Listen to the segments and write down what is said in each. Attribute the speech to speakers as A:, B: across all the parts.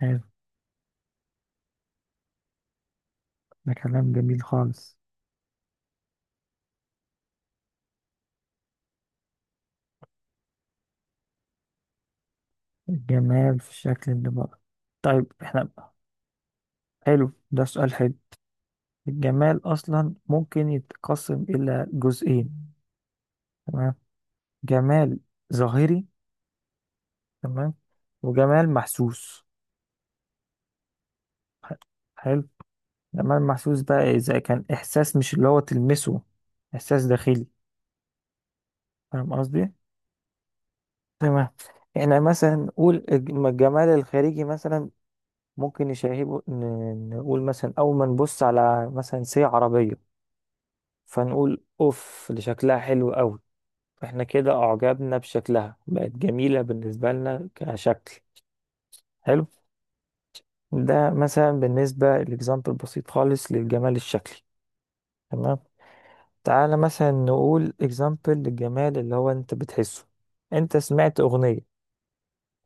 A: حلو. ده كلام جميل خالص. الجمال في الشكل اللي بره. طيب احنا بقى. حلو، ده سؤال حلو. الجمال اصلا ممكن يتقسم الى جزئين. تمام. جمال ظاهري. تمام. وجمال محسوس. ح- حلو. جمال محسوس بقى اذا كان احساس مش اللي هو تلمسه. احساس داخلي. فاهم قصدي؟ تمام. احنا مثلا نقول الجمال الخارجي مثلا، ممكن نشاهده. نقول مثلا اول ما نبص على مثلا سي عربية، فنقول اوف اللي شكلها حلو قوي. احنا كده اعجبنا بشكلها، بقت جميلة بالنسبة لنا كشكل. حلو. ده مثلا بالنسبة الاكزامبل بسيط خالص للجمال الشكلي. تمام. تعالى مثلا نقول اكزامبل للجمال اللي هو انت بتحسه. انت سمعت اغنية،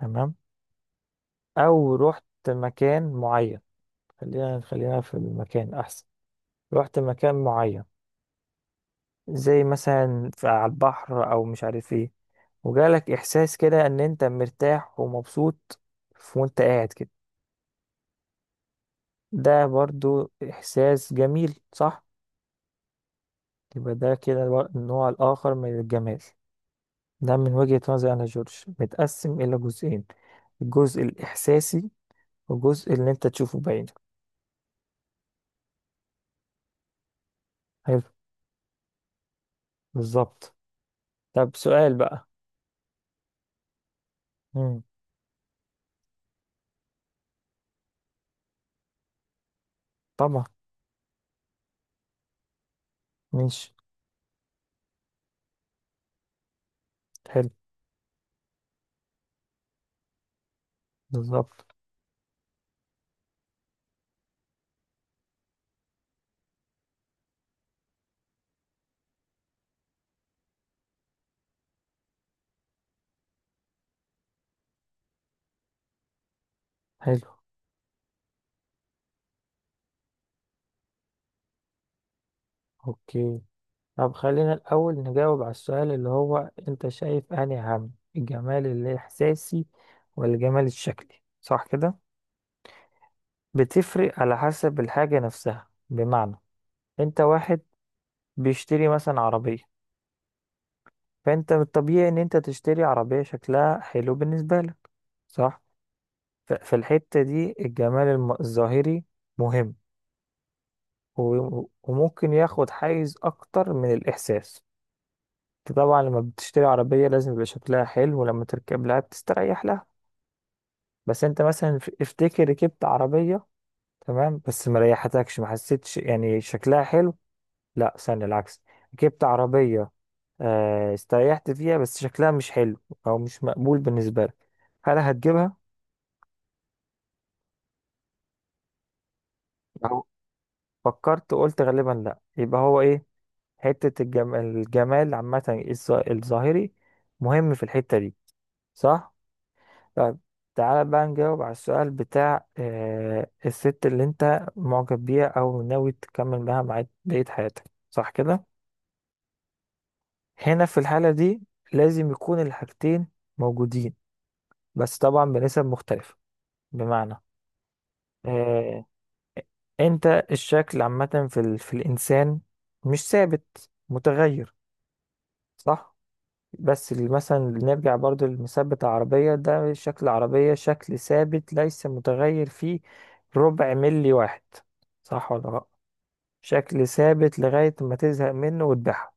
A: تمام، او رحت مكان معين. خلينا في المكان احسن. رحت مكان معين زي مثلا على البحر او مش عارف ايه، وجالك احساس كده ان انت مرتاح ومبسوط وانت قاعد كده. ده برضو احساس جميل، صح؟ يبقى ده كده النوع الاخر من الجمال. ده من وجهة نظري انا جورج متقسم الى جزئين: الجزء الاحساسي والجزء اللي انت تشوفه بعينك. حلو. بالظبط. طب سؤال بقى. مم. طبعا. ماشي. حلو. بالظبط. حلو. اوكي. طب خلينا الأول نجاوب على السؤال، اللي هو أنت شايف أنهي أهم؟ الجمال الإحساسي ولا الجمال الشكلي؟ صح كده؟ بتفرق على حسب الحاجة نفسها، بمعنى أنت واحد بيشتري مثلا عربية، فأنت من الطبيعي إن أنت تشتري عربية شكلها حلو بالنسبة لك. صح؟ ففي الحتة دي الجمال الظاهري مهم، وممكن ياخد حيز أكتر من الإحساس. أنت طبعا لما بتشتري عربية لازم يبقى شكلها حلو ولما تركب لها بتستريح لها. بس انت مثلا افتكر ركبت عربية، تمام، بس ما ريحتكش ما حسيتش يعني شكلها حلو. لا، استنى العكس. ركبت عربية، استريحت فيها بس شكلها مش حلو او مش مقبول بالنسبة لك. هل هتجيبها؟ أو فكرت قلت غالبا لا؟ يبقى هو ايه؟ حتة الجمال عامة الظاهري مهم في الحتة دي. صح. طيب. تعالى بقى نجاوب على السؤال بتاع الست اللي انت معجب بيها او ناوي تكمل معاها مع بقية حياتك. صح كده؟ هنا في الحالة دي لازم يكون الحاجتين موجودين، بس طبعا بنسب مختلفة. بمعنى، آه انت الشكل عامة في الانسان مش ثابت، متغير. صح. بس مثلا نرجع برضو لمثبت العربية، ده شكل العربية شكل ثابت، ليس متغير فيه ربع ملي واحد. صح ولا لا؟ شكل ثابت لغاية ما تزهق منه وتبيعها.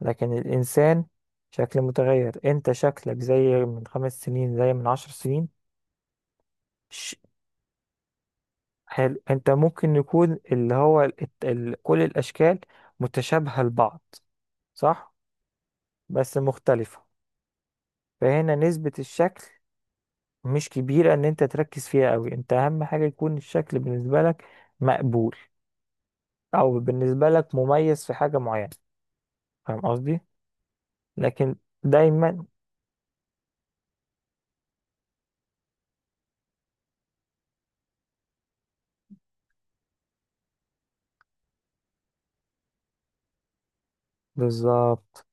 A: لكن الإنسان شكل متغير. أنت شكلك زي من 5 سنين زي من 10 سنين. ش... حلو. أنت ممكن يكون اللي هو كل الأشكال متشابهة لبعض. صح. بس مختلفة. فهنا نسبة الشكل مش كبيرة ان انت تركز فيها قوي. انت اهم حاجة يكون الشكل بالنسبة لك مقبول، او بالنسبة لك مميز في حاجة معينة. فاهم قصدي؟ لكن دايما بالظبط.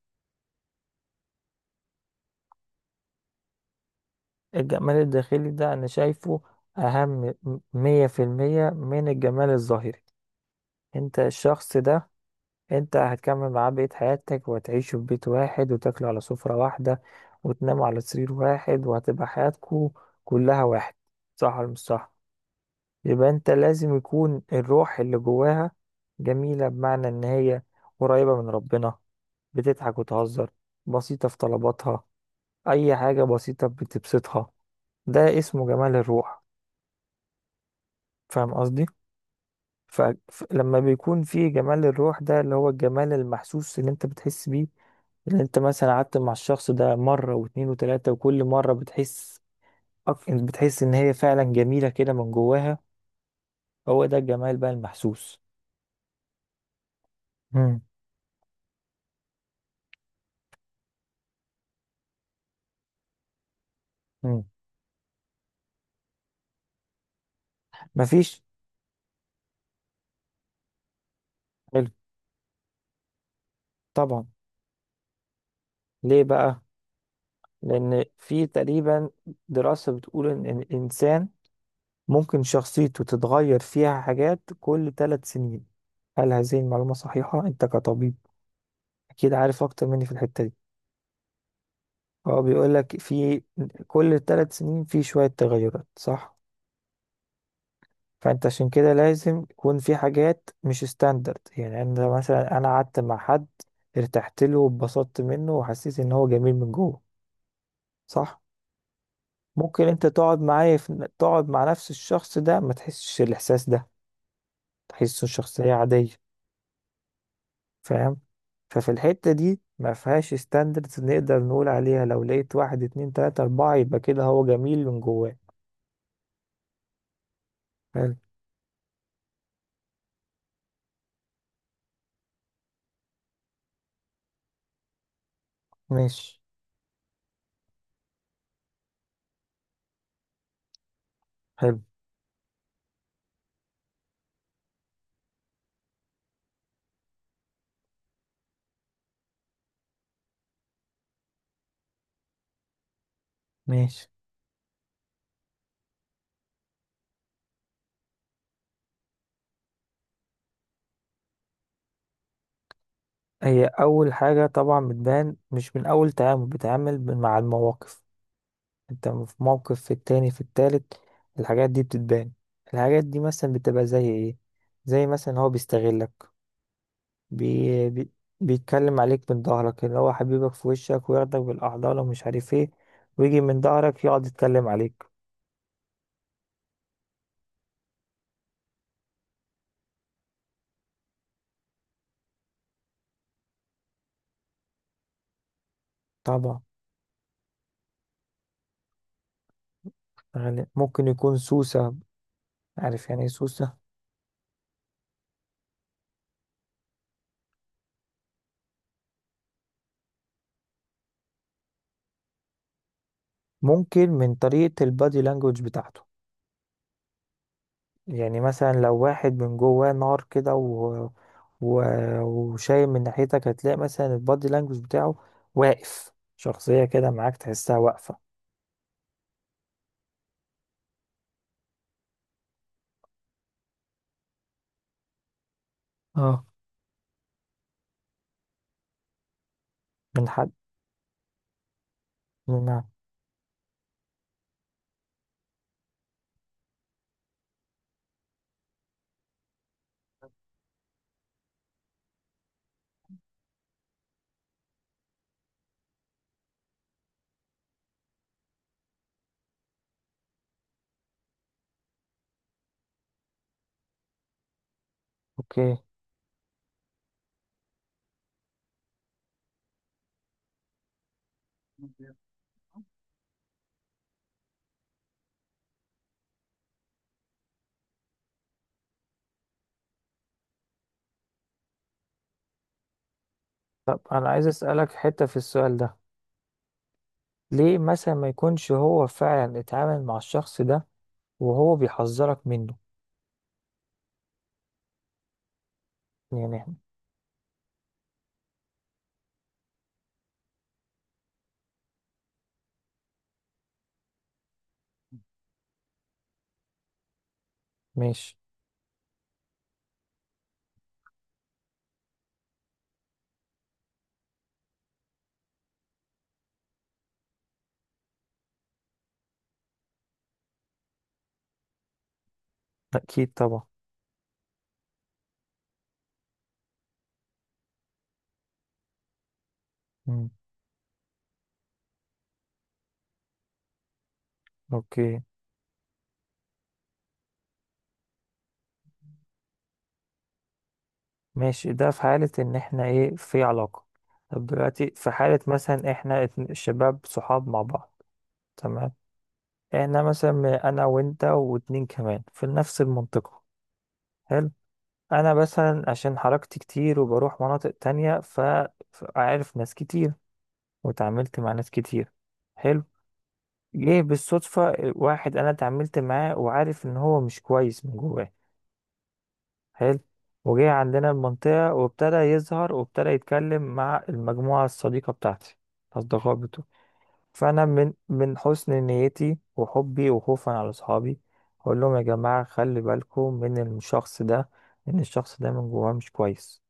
A: الجمال الداخلي ده انا شايفه اهم 100% من الجمال الظاهري. انت الشخص ده انت هتكمل معاه بقية حياتك، وهتعيشوا في بيت واحد وتاكلوا على سفرة واحدة وتناموا على سرير واحد، وهتبقى حياتكوا كلها واحد. صح ولا مش صح؟ يبقى انت لازم يكون الروح اللي جواها جميلة، بمعنى ان هي قريبة من ربنا، بتضحك وتهزر، بسيطة في طلباتها، اي حاجة بسيطة بتبسطها. ده اسمه جمال الروح. فاهم قصدي؟ فلما بيكون في جمال الروح ده اللي هو الجمال المحسوس اللي انت بتحس بيه، اللي انت مثلا قعدت مع الشخص ده مرة واتنين وتلاتة، وكل مرة بتحس بتحس ان هي فعلا جميلة كده من جواها. هو ده الجمال بقى المحسوس. مم. مم. مفيش. طبعا. ليه بقى؟ لان في تقريبا دراسة بتقول إن الانسان ممكن شخصيته تتغير فيها حاجات كل 3 سنين. هل هذه المعلومة صحيحة؟ انت كطبيب اكيد عارف اكتر مني في الحتة دي. هو بيقول لك في كل 3 سنين في شوية تغيرات، صح؟ فانت عشان كده لازم يكون في حاجات مش ستاندرد. يعني انا مثلا انا قعدت مع حد، ارتحت له واتبسطت منه وحسيت ان هو جميل من جوه، صح؟ ممكن انت تقعد معايا تقعد مع نفس الشخص ده ما تحسش الاحساس ده، تحسه شخصية عادية. فاهم؟ ففي الحتة دي ما فيهاش ستاندردز نقدر نقول عليها لو لقيت واحد، اتنين، تلاتة، اربعة يبقى كده هو جميل من جواه. حلو. ماشي. حلو. ماشي. هي اول حاجة طبعا بتبان مش من اول تعامل، بتعامل مع المواقف، انت في موقف، في التاني، في التالت، الحاجات دي بتتبان. الحاجات دي مثلا بتبقى زي ايه؟ زي مثلا هو بيستغلك، بي بي بيتكلم عليك من ظهرك، اللي هو حبيبك في وشك وياخدك بالأحضان ومش عارف ايه، ويجي من ظهرك يقعد يتكلم عليك. طبعا. ممكن يكون سوسة. عارف يعني ايه سوسة؟ ممكن من طريقة البادي لانجوج بتاعته. يعني مثلا لو واحد من جواه نار كده و... وشايم من ناحيتك، هتلاقي مثلا البادي لانجوج بتاعه واقف، شخصية كده معاك تحسها واقفة. اه. من حد؟ من؟ اوكي. طب انا عايز اسألك حتة في السؤال ده. ليه مثلا ما يكونش هو فعلا اتعامل مع الشخص ده وهو بيحذرك منه؟ يعني إحنا- ماشي. اكيد طبعا. مم. اوكي. ماشي، ده في حالة ان احنا ايه، في علاقة. طب دلوقتي في حالة مثلا احنا شباب صحاب مع بعض. تمام. احنا مثلا انا وانت واتنين كمان في نفس المنطقة. حلو. انا مثلا عشان حركتي كتير وبروح مناطق تانية، فعارف ناس كتير وتعاملت مع ناس كتير. حلو. جه بالصدفة واحد أنا اتعاملت معاه وعارف إن هو مش كويس من جواه. حلو. وجه عندنا المنطقة وابتدى يظهر وابتدى يتكلم مع المجموعة الصديقة بتاعتي، الأصدقاء بتوعي. فأنا من حسن نيتي وحبي وخوفا على أصحابي أقول لهم يا جماعة خلي بالكم من الشخص ده، إن الشخص ده من جواه مش كويس.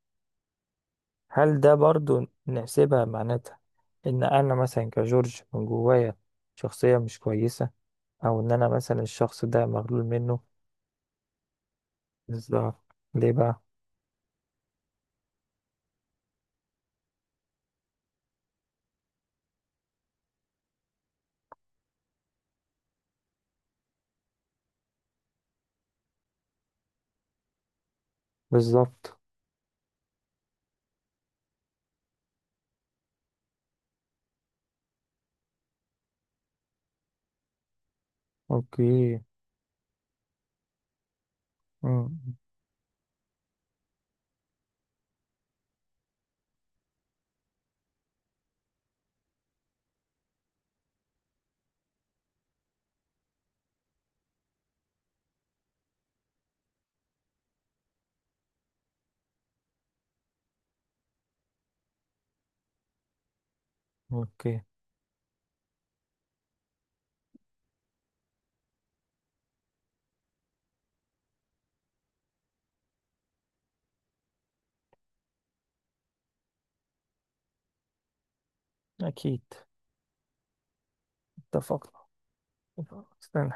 A: هل ده برضو نحسبها معناتها إن أنا مثلا كجورج من جوايا شخصية مش كويسة، او ان انا مثلا الشخص ده مغلول منه الظهر؟ ليه بقى؟ بالظبط. اوكي. مم. اوكي. اكيد. اتفقنا. استنى.